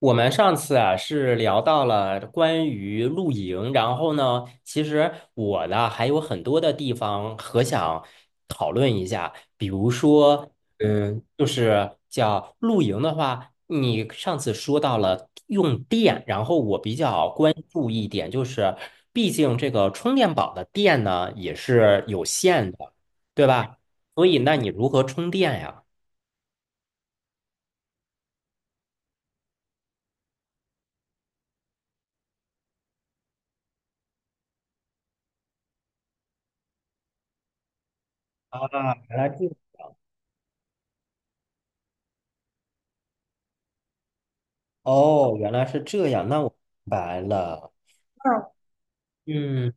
我们上次啊是聊到了关于露营，然后呢，其实我呢还有很多的地方和想讨论一下，比如说，就是叫露营的话，你上次说到了用电，然后我比较关注一点，就是毕竟这个充电宝的电呢也是有限的，对吧？所以那你如何充电呀？啊，原来这哦，原来是这样，那我明白了。嗯，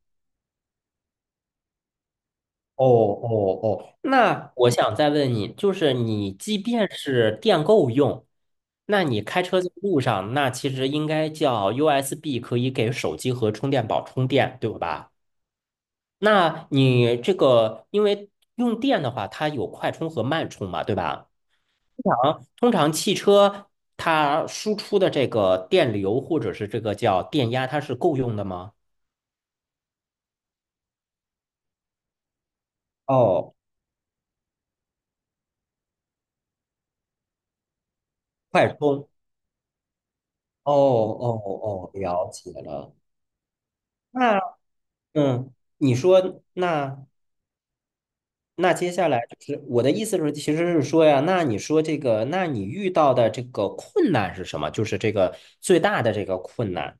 哦哦哦，那我想再问你，就是你即便是电够用，那你开车在路上，那其实应该叫 USB 可以给手机和充电宝充电，对吧？那你这个因为用电的话，它有快充和慢充嘛，对吧？通常汽车它输出的这个电流或者是这个叫电压，它是够用的吗？哦，快充。哦哦哦，了解了。那嗯，你说那那接下来就是我的意思是，其实是说呀，那你说这个，那你遇到的这个困难是什么？就是这个最大的这个困难。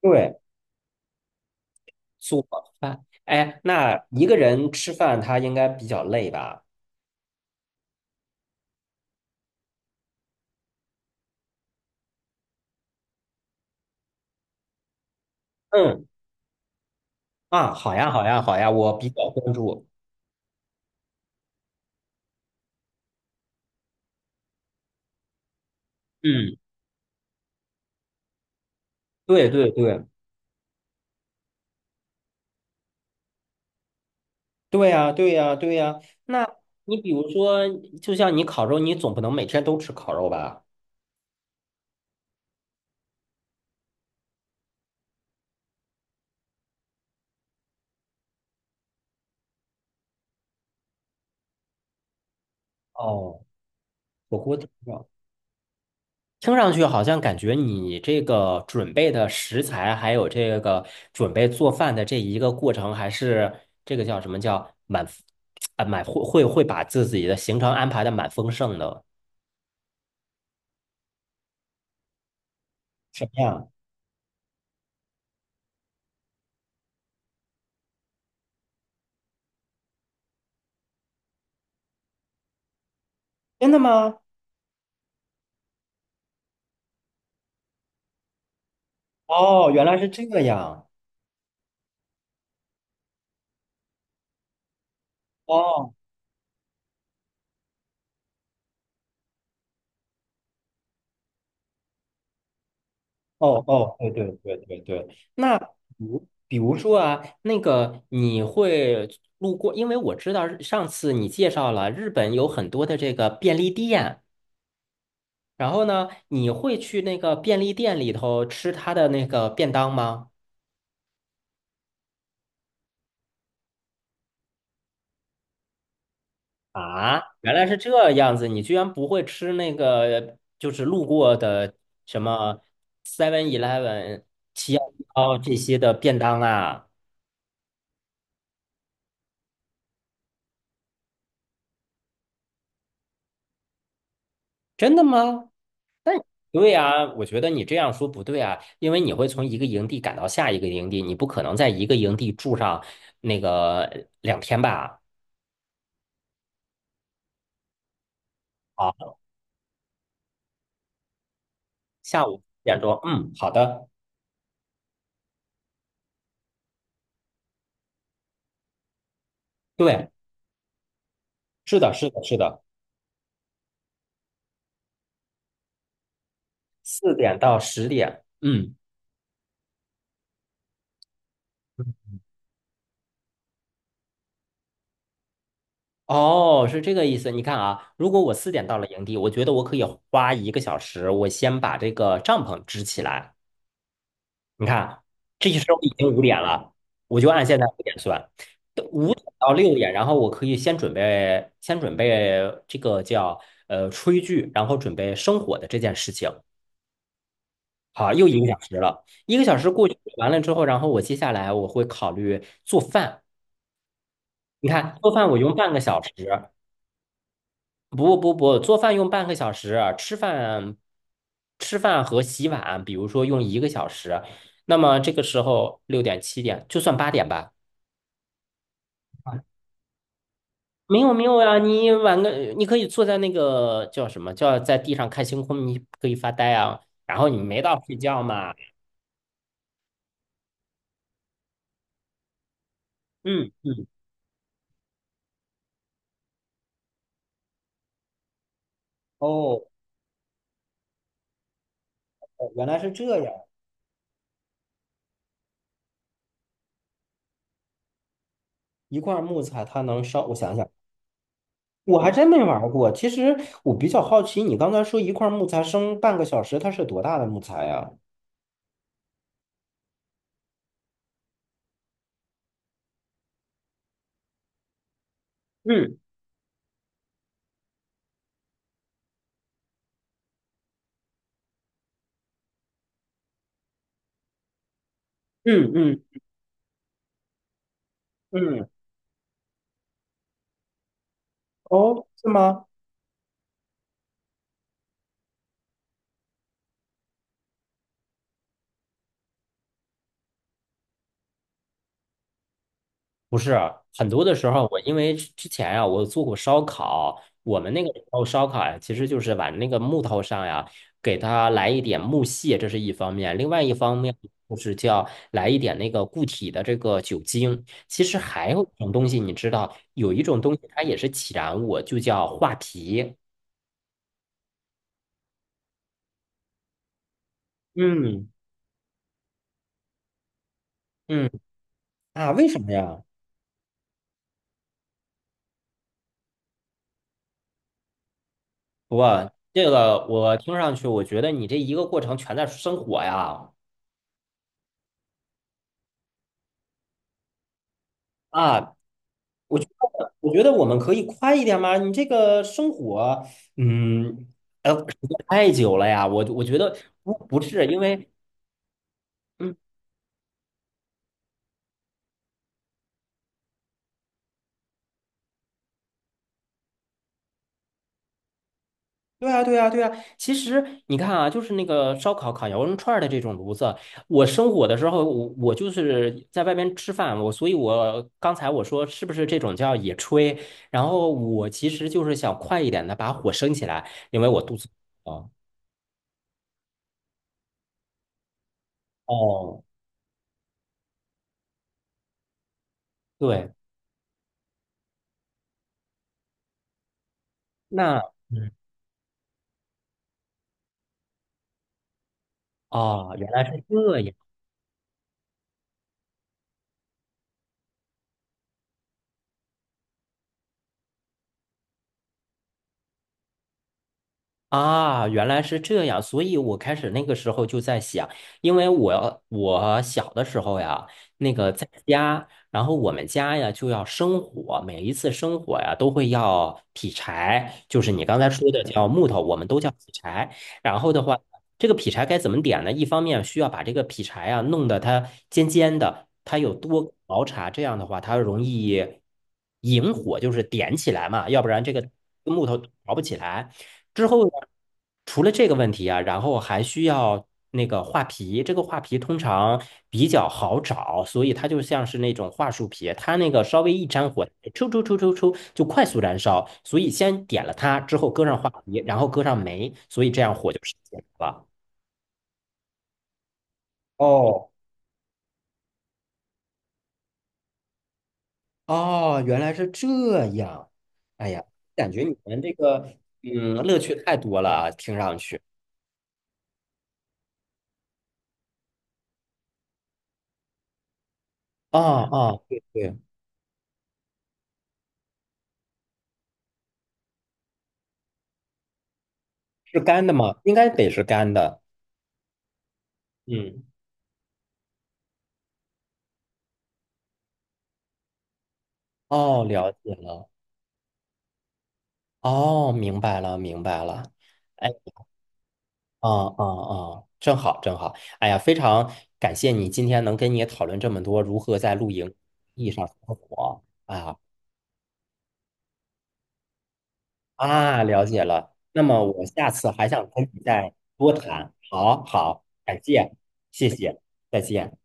对，做饭。哎，那一个人吃饭他应该比较累吧？嗯啊，好呀，好呀，好呀，我比较关注。嗯，对对对，对呀，对呀，对呀。那你比如说，就像你烤肉，你总不能每天都吃烤肉吧？哦，火锅底料，听上去好像感觉你这个准备的食材，还有这个准备做饭的这一个过程，还是这个叫什么叫啊，会把自己的行程安排的蛮丰盛的，什么呀？真的吗？哦，原来是这样。哦哦哦，对对对对对。那比如说啊，那个你会路过，因为我知道上次你介绍了日本有很多的这个便利店。然后呢，你会去那个便利店里头吃他的那个便当吗？啊，原来是这样子，你居然不会吃那个，就是路过的什么 Seven Eleven、七幺幺这些的便当啊？真的吗？但对啊，我觉得你这样说不对啊，因为你会从一个营地赶到下一个营地，你不可能在一个营地住上那个两天吧？好，下午四点钟，嗯，好的，对，是的，是的，是的。四点到十点，嗯，哦，是这个意思。你看啊，如果我四点到了营地，我觉得我可以花一个小时，我先把这个帐篷支起来。你看，这时候已经五点了，我就按现在五点算，五点到六点，然后我可以先准备，先准备这个叫炊具，然后准备生火的这件事情。好，又一个小时了，一个小时过去完了之后，然后我接下来我会考虑做饭。你看，做饭我用半个小时，不不不，做饭用半个小时，吃饭和洗碗，比如说用一个小时，那么这个时候六点七点就算八点吧。没有没有呀，你晚个你可以坐在那个叫什么叫在地上看星空，你可以发呆啊。然后你没到睡觉嘛，嗯嗯，哦哦原来是这样，一块木材它能烧，我想想。我还真没玩过，其实我比较好奇，你刚才说一块木材生半个小时，它是多大的木材呀？嗯嗯嗯，哦，是吗？不是，很多的时候我因为之前呀，我做过烧烤，我们那个时候烧烤呀，其实就是往那个木头上呀，给它来一点木屑，这是一方面；另外一方面就是叫来一点那个固体的这个酒精。其实还有一种东西，你知道，有一种东西它也是起燃物，就叫画皮。嗯嗯啊，为什么呀？不过这个我听上去，我觉得你这一个过程全在生火呀。啊，我觉我觉得我们可以快一点吗？你这个生火，嗯，时间太久了呀。我觉得不是因为，嗯，对啊，对啊，对啊。其实你看啊，就是那个烧烤、烤羊肉串儿的这种炉子，我生火的时候，我就是在外面吃饭，所以，我刚才说是不是这种叫野炊？然后我其实就是想快一点的把火升起来，因为我肚子饿。哦，对，那。哦，原来是这样。啊，原来是这样，所以我开始那个时候就在想，因为我小的时候呀，那个在家，然后我们家呀就要生火，每一次生火呀都会要劈柴，就是你刚才说的叫木头，我们都叫劈柴。然后的话，这个劈柴该怎么点呢？一方面需要把这个劈柴啊弄得它尖尖的，它有多个毛茬，这样的话它容易引火，就是点起来嘛，要不然这个木头着不起来。之后呢，除了这个问题啊，然后还需要那个画皮，这个画皮通常比较好找，所以它就像是那种桦树皮，它那个稍微一沾火，抽抽抽抽抽就快速燃烧，所以先点了它，之后搁上桦皮，然后搁上煤，所以这样火就升了。哦哦，原来是这样，哎呀，感觉你们这个乐趣太多了啊，听上去。啊啊，对对，是干的吗？应该得是干的。嗯。哦，了解了，哦，明白了，明白了。哎，哦哦哦，正好正好。哎呀，非常感谢你今天能跟你讨论这么多如何在露营地上生活啊啊，了解了。那么我下次还想跟你再多谈。好好，感谢，谢谢，再见。